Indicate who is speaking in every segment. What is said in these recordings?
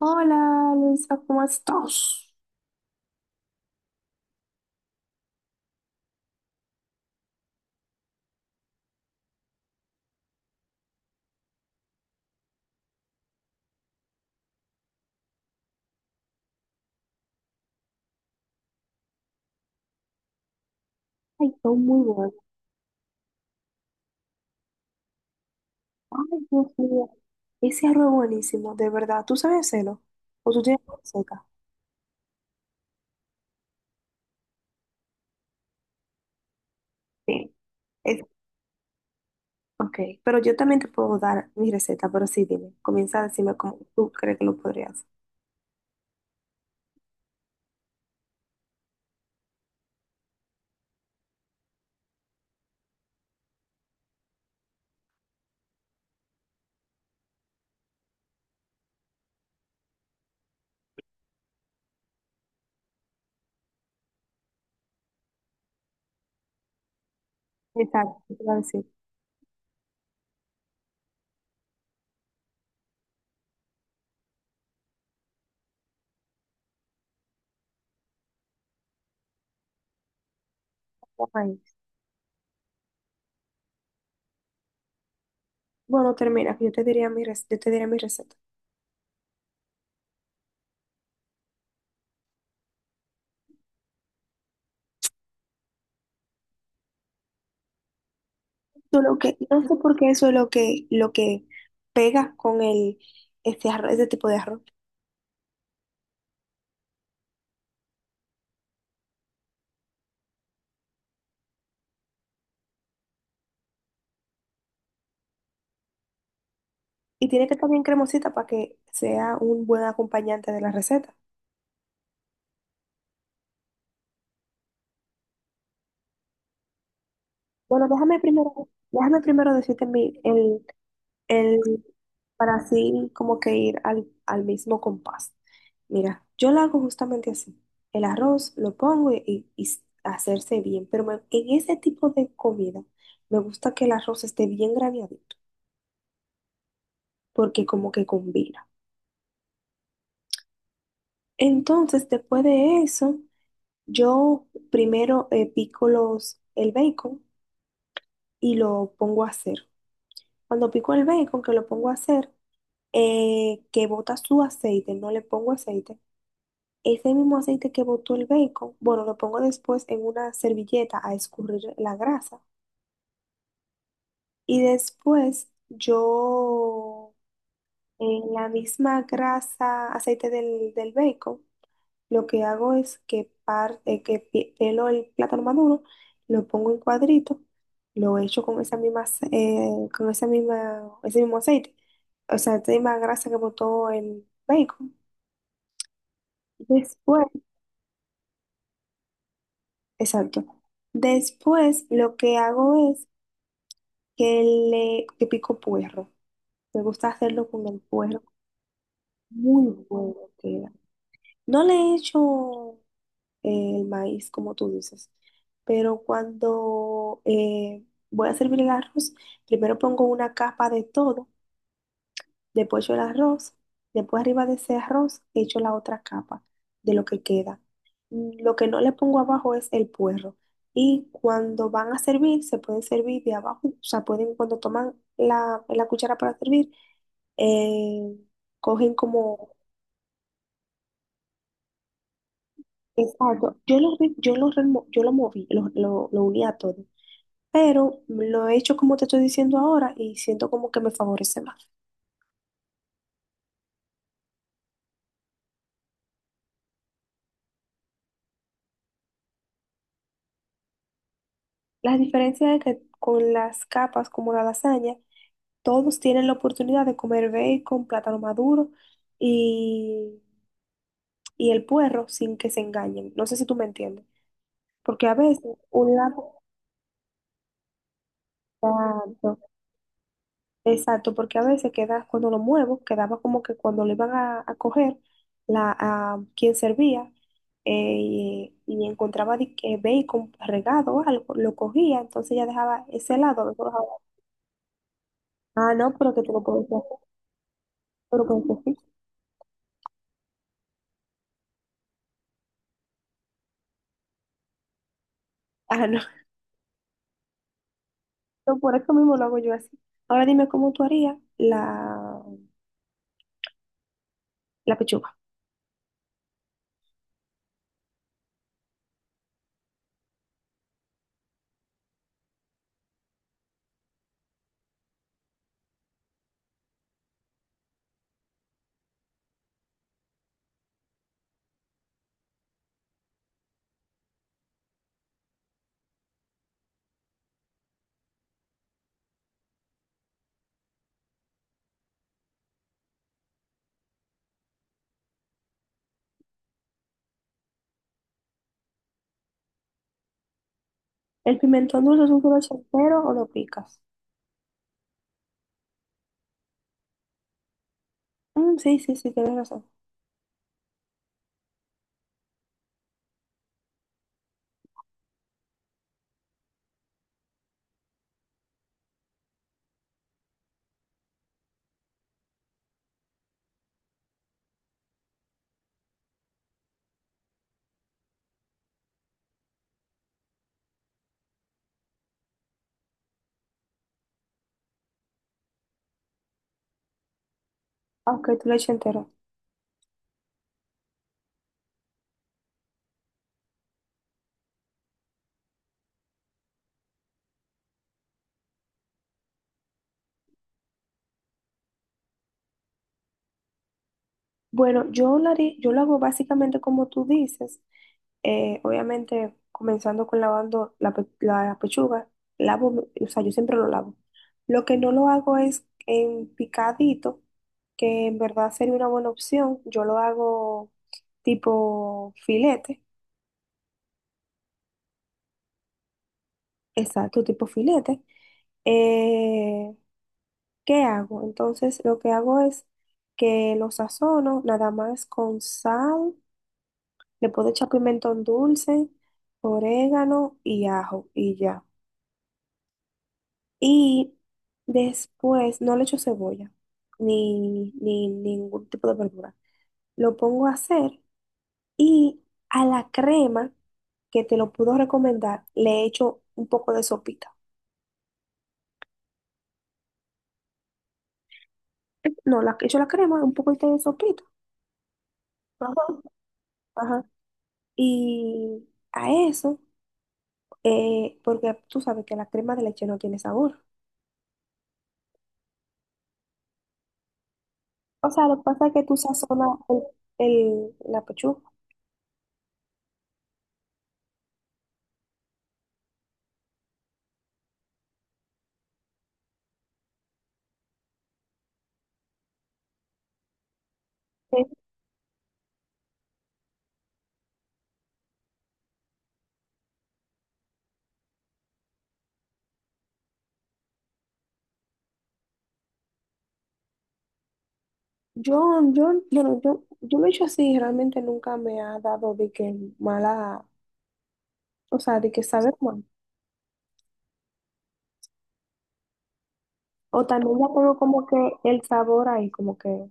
Speaker 1: Hola, Luisa, ¿cómo estás? Ay, todo muy bueno. Ay, Dios mío. Ese arroz buenísimo, de verdad. ¿Tú sabes hacerlo? ¿O tú tienes receta? Sí. Es, ok, pero yo también te puedo dar mi receta, pero sí, dime. Comienza a decirme cómo tú crees que lo podrías. Exacto, te iba a decir. Ay. Bueno, termina, que yo te diría yo te diré mi receta. Yo Lo que, no sé por qué eso es lo que pega con este arroz, ese tipo de arroz. Y tiene que estar bien cremosita para que sea un buen acompañante de la receta. Bueno, déjame primero decirte el, para así como que ir al mismo compás. Mira, yo lo hago justamente así. El arroz lo pongo y hacerse bien, pero en ese tipo de comida me gusta que el arroz esté bien graneadito, porque como que combina. Entonces, después de eso, yo primero pico el bacon y lo pongo a hacer. Cuando pico el bacon, que lo pongo a hacer, que bota su aceite, no le pongo aceite. Ese mismo aceite que botó el bacon, bueno, lo pongo después en una servilleta a escurrir la grasa. Y después yo, en la misma grasa, aceite del bacon, lo que hago es que pelo el plátano maduro, lo pongo en cuadrito, lo echo con con esa misma, ese mismo aceite, o sea, esa misma grasa que botó el bacon. Después, exacto. Después lo que hago es que le que pico puerro. Me gusta hacerlo con el puerro. Muy bueno queda. No le he hecho el maíz, como tú dices. Pero cuando voy a servir el arroz, primero pongo una capa de todo, después echo el arroz, después arriba de ese arroz echo la otra capa de lo que queda. Mm, lo que no le pongo abajo es el puerro. Y cuando van a servir, se pueden servir de abajo, o sea, pueden, cuando toman la cuchara para servir, eh, cogen como... Exacto, yo lo moví, lo uní a todo. Pero lo he hecho como te estoy diciendo ahora y siento como que me favorece más. La diferencia es que con las capas como la lasaña, todos tienen la oportunidad de comer bacon, plátano maduro y, y el puerro sin que se engañen. No sé si tú me entiendes, porque a veces un lado... Exacto, porque a veces queda, cuando lo muevo, quedaba como que cuando lo iban a coger, a quien servía, eh, y encontraba de que bacon regado o algo, lo cogía, entonces ya dejaba ese lado, lo dejaba. Ah, no, pero que tú lo puedes hacer, pero con tu fi-. Ah, no, no, por eso mismo lo hago yo así. Ahora dime cómo tú harías la pechuga. ¿El pimentón dulce es un dulce entero o lo picas? Mm, sí, sí, sí, tienes razón. Aunque tú le eches entero. Yo lo hago básicamente como tú dices. Obviamente, comenzando con lavando la pechuga, o sea, yo siempre lo lavo. Lo que no lo hago es en picadito, que en verdad sería una buena opción. Yo lo hago tipo filete, exacto, tipo filete. Eh, ¿Qué hago? Entonces, lo que hago es que lo sazono nada más con sal. Le puedo echar pimentón dulce, orégano y ajo y ya. Y después no le echo cebolla ni ningún tipo de verdura. Lo pongo a hacer y a la crema que te lo puedo recomendar le echo un poco de sopita. No, echo la crema, un poco de sopita. Ajá. Ajá. Y a eso, porque tú sabes que la crema de leche no tiene sabor. O sea, lo que pasa es que tú sazonas la pechuga. Eh, Yo, yo lo he hecho así, realmente nunca me ha dado de que mala, o sea, de que sabe mal. O también ya tengo como que el sabor ahí, como que,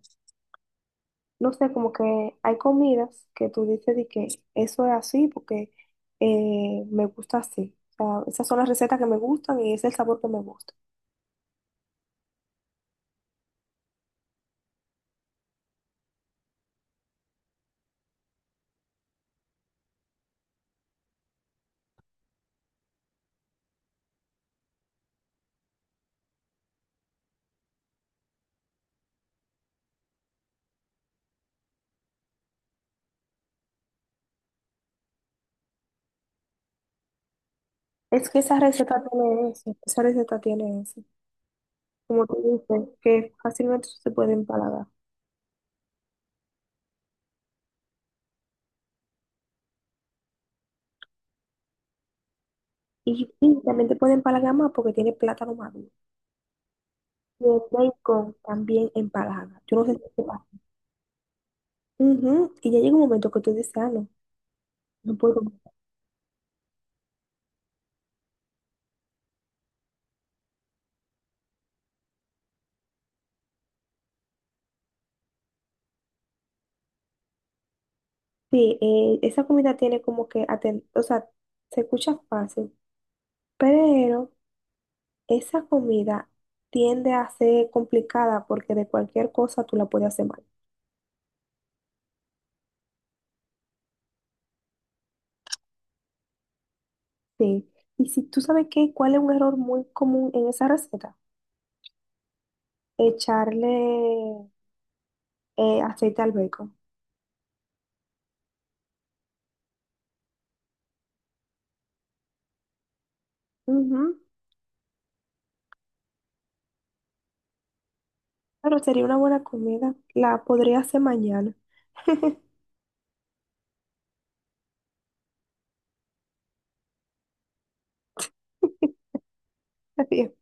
Speaker 1: no sé, como que hay comidas que tú dices de que eso es así porque me gusta así. O sea, esas son las recetas que me gustan y ese es el sabor que me gusta. Es que esa receta tiene eso, esa receta tiene eso. Como tú dices, que fácilmente se puede empalagar. Y sí, también te pueden empalagar más porque tiene plátano maduro. Y el bacon también empalaga. Yo no sé si te pasa. Ujú. Y ya llega un momento que tú dices, ah, no, no puedo más. Sí, esa comida tiene como que, o sea, se escucha fácil, pero esa comida tiende a ser complicada porque de cualquier cosa tú la puedes hacer mal. Sí. Y si tú sabes qué, cuál es un error muy común en esa receta, echarle aceite al bacon. Ujú. Claro, sería una buena comida. La podría hacer mañana. Estaría